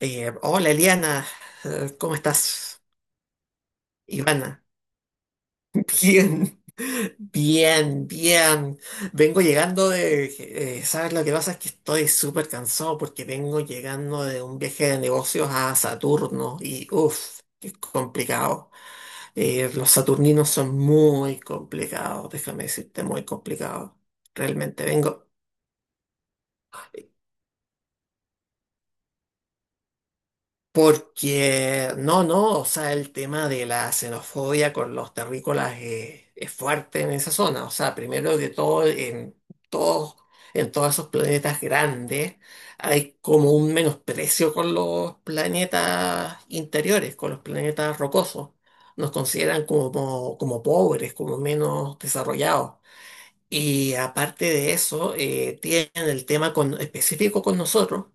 Hola, Eliana. ¿Cómo estás? Ivana, bien, bien, bien. Vengo llegando ¿sabes lo que pasa? Es que estoy súper cansado porque vengo llegando de un viaje de negocios a Saturno y, uff, qué complicado. Los saturninos son muy complicados, déjame decirte, muy complicados. Realmente vengo. Porque, no, no, o sea, el tema de la xenofobia con los terrícolas es fuerte en esa zona. O sea, primero de todo, todos, en todos esos planetas grandes hay como un menosprecio con los planetas interiores, con los planetas rocosos. Nos consideran como pobres, como menos desarrollados. Y aparte de eso, tienen el tema específico con nosotros,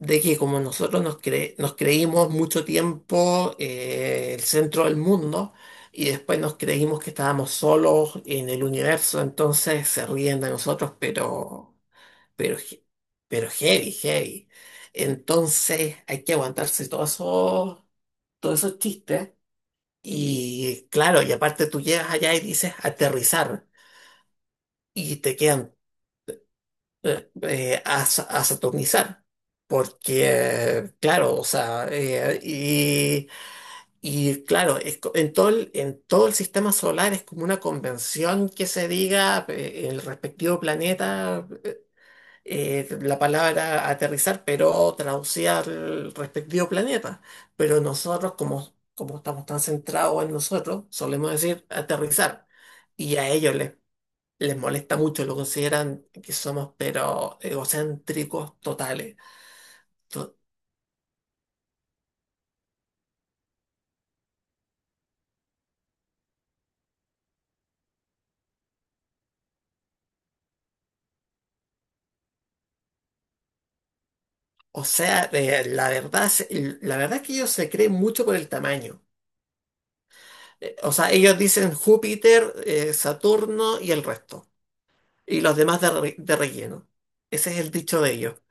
de que como nosotros nos creímos mucho tiempo el centro del mundo y después nos creímos que estábamos solos en el universo, entonces se ríen de nosotros, pero, pero, he- pero heavy, heavy. Entonces hay que aguantarse todos esos chistes. Y claro, y aparte tú llegas allá y dices aterrizar y te quedan a saturnizar. Porque, claro, o sea, y claro, es en todo el sistema solar es como una convención que se diga el respectivo planeta, la palabra aterrizar, pero traducida al respectivo planeta. Pero nosotros, como estamos tan centrados en nosotros, solemos decir aterrizar. Y a ellos les molesta mucho, lo consideran que somos pero egocéntricos totales. To- O sea, la verdad, la verdad es que ellos se creen mucho por el tamaño. O sea, ellos dicen Júpiter, Saturno y el resto. Y los demás de relleno. Ese es el dicho de ellos.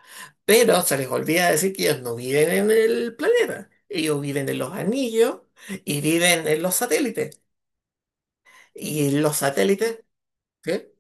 Pero se les olvida decir que ellos no viven en el planeta. Ellos viven en los anillos y viven en los satélites. Y los satélites, ¿qué?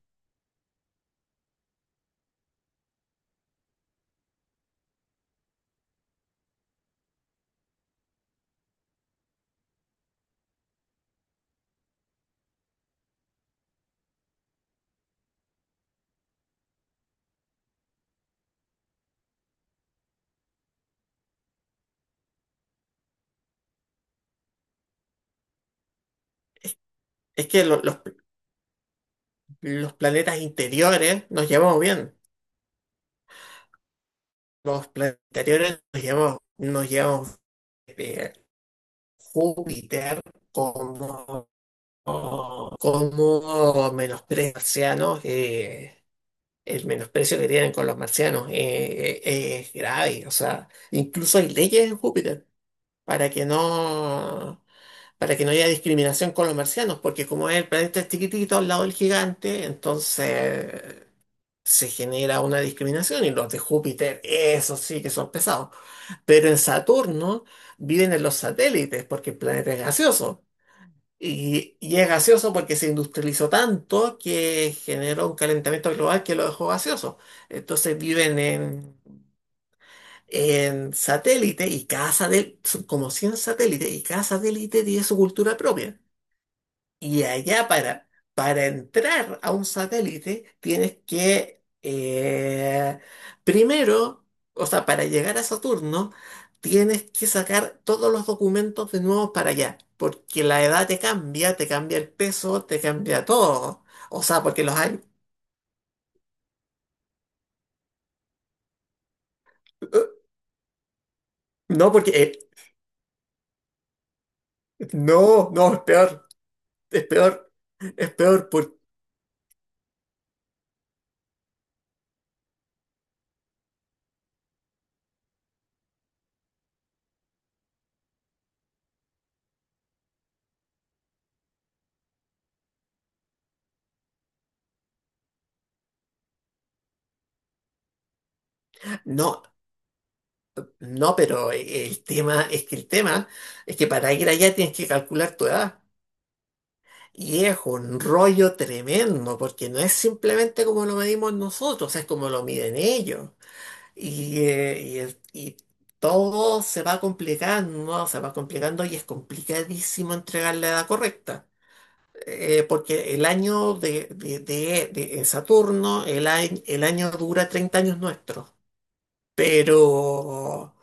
Es que lo- los planetas interiores nos llevamos bien. Los planetas interiores nos llevamos bien. Júpiter como, como menosprecio marciano, el menosprecio que tienen con los marcianos es grave. O sea, incluso hay leyes en Júpiter para que no, para que no haya discriminación con los marcianos, porque como es el planeta chiquitito al lado del gigante, entonces se genera una discriminación y los de Júpiter, esos sí que son pesados. Pero en Saturno viven en los satélites porque el planeta es gaseoso. Y es gaseoso porque se industrializó tanto que generó un calentamiento global que lo dejó gaseoso. Entonces viven en satélites y cada satélite, son como 100 satélites y cada satélite tiene su cultura propia. Y allá para entrar a un satélite tienes que, primero, o sea, para llegar a Saturno, tienes que sacar todos los documentos de nuevo para allá, porque la edad te cambia el peso, te cambia todo. O sea, porque los hay. No, porque, no, no, es peor, es peor, es peor, porque. No, no, pero el tema es que para ir allá tienes que calcular tu edad. Y es un rollo tremendo, porque no es simplemente como lo medimos nosotros, es como lo miden ellos. Y todo se va complicando y es complicadísimo entregar la edad correcta. Porque el año de Saturno, el año dura 30 años nuestros. Pero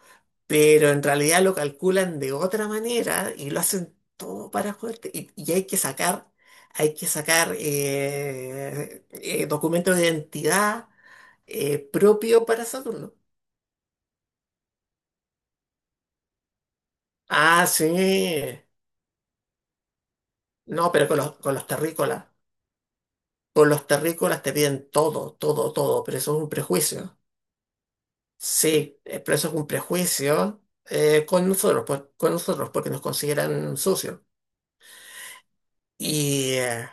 pero en realidad lo calculan de otra manera y lo hacen todo para joderte. Y hay que sacar documentos de identidad propio para Saturno. Ah, sí. No, pero con los terrícolas. Con los terrícolas te piden todo, todo, todo, pero eso es un prejuicio. Sí, pero eso es un prejuicio con nosotros, pues con nosotros, porque nos consideran sucios. Y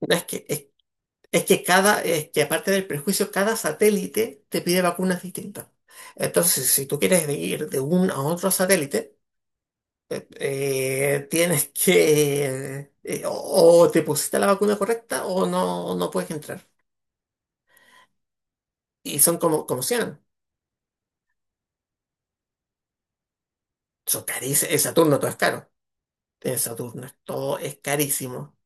no, es que aparte del prejuicio, cada satélite te pide vacunas distintas. Entonces, si tú quieres ir de un a otro satélite, tienes que, o te pusiste la vacuna correcta o no, no puedes entrar. Y son como, como sean Son carísimos. En Saturno todo es caro. En Saturno todo es carísimo.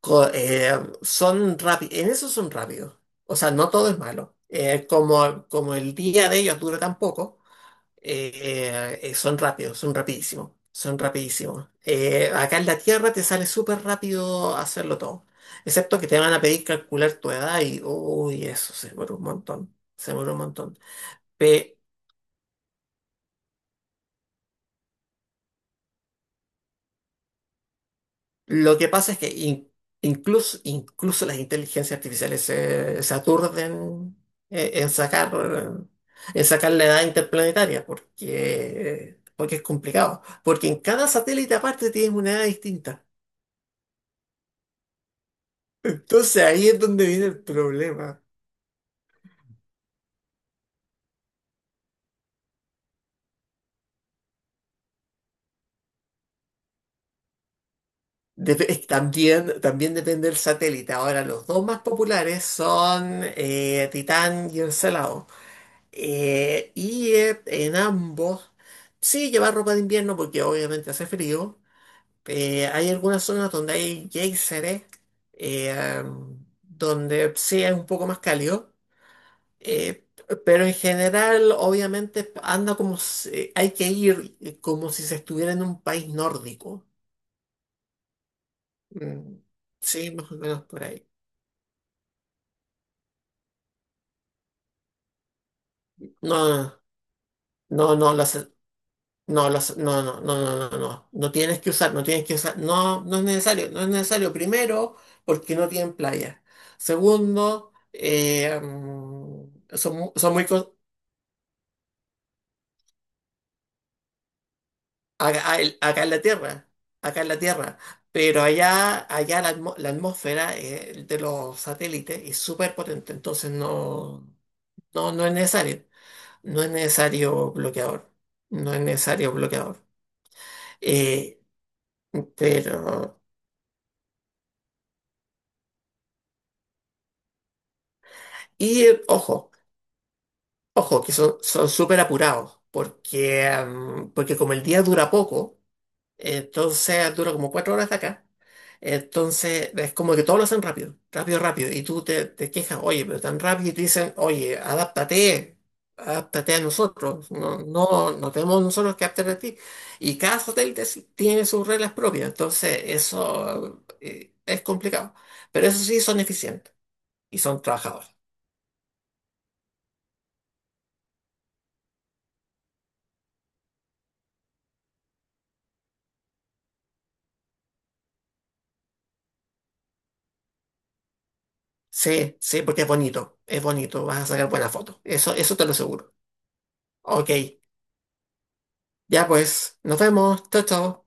Co- eh, Son rápidos. En eso son rápidos. O sea, no todo es malo. Como el día de ellos dura tan poco. Son rápidos, son rapidísimos, son rapidísimos. Acá en la Tierra te sale súper rápido hacerlo todo, excepto que te van a pedir calcular tu edad y, uy, eso se demora un montón, se demora un montón. Pe- lo que pasa es que incluso las inteligencias artificiales se aturden eh, en sacar, en sacar la edad interplanetaria, porque es complicado, porque en cada satélite aparte tienes una edad distinta. Entonces ahí es donde viene el problema. También depende del satélite. Ahora, los dos más populares son Titán y Encelado. Y en ambos, sí, llevar ropa de invierno porque obviamente hace frío. Hay algunas zonas donde hay geyseres, eh, donde sí es un poco más cálido. Eh, pero en general, obviamente, anda como si- hay que ir como si se estuviera en un país nórdico. Mm, sí, más o menos por ahí. No, no, no, no, no, no, no, no, no, no, no tienes que usar, no tienes que usar, no, no es necesario, no es necesario. Primero, porque no tienen playa. Segundo, son, son muy, acá en la tierra, acá en la tierra. Pero allá la atmósfera de los satélites es súper potente, entonces no, no, no es necesario. No es necesario bloqueador. No es necesario bloqueador. Eh, pero. Y ojo, ojo, que son súper apurados. Porque como el día dura poco. Entonces dura como 4 horas de acá. Entonces es como que todo lo hacen rápido, rápido, rápido. Y tú te quejas, oye, pero tan rápido. Y te dicen, oye, adáptate, adáptate a nosotros. No, no, no tenemos nosotros que adaptar a ti. Y cada hotel tiene sus reglas propias. Entonces eso es complicado. Pero eso sí, son eficientes y son trabajadores. Sí, sí, porque es bonito, es bonito. Vas a sacar buenas fotos. Eso te lo aseguro. Ok, ya pues, nos vemos. Chao, chao.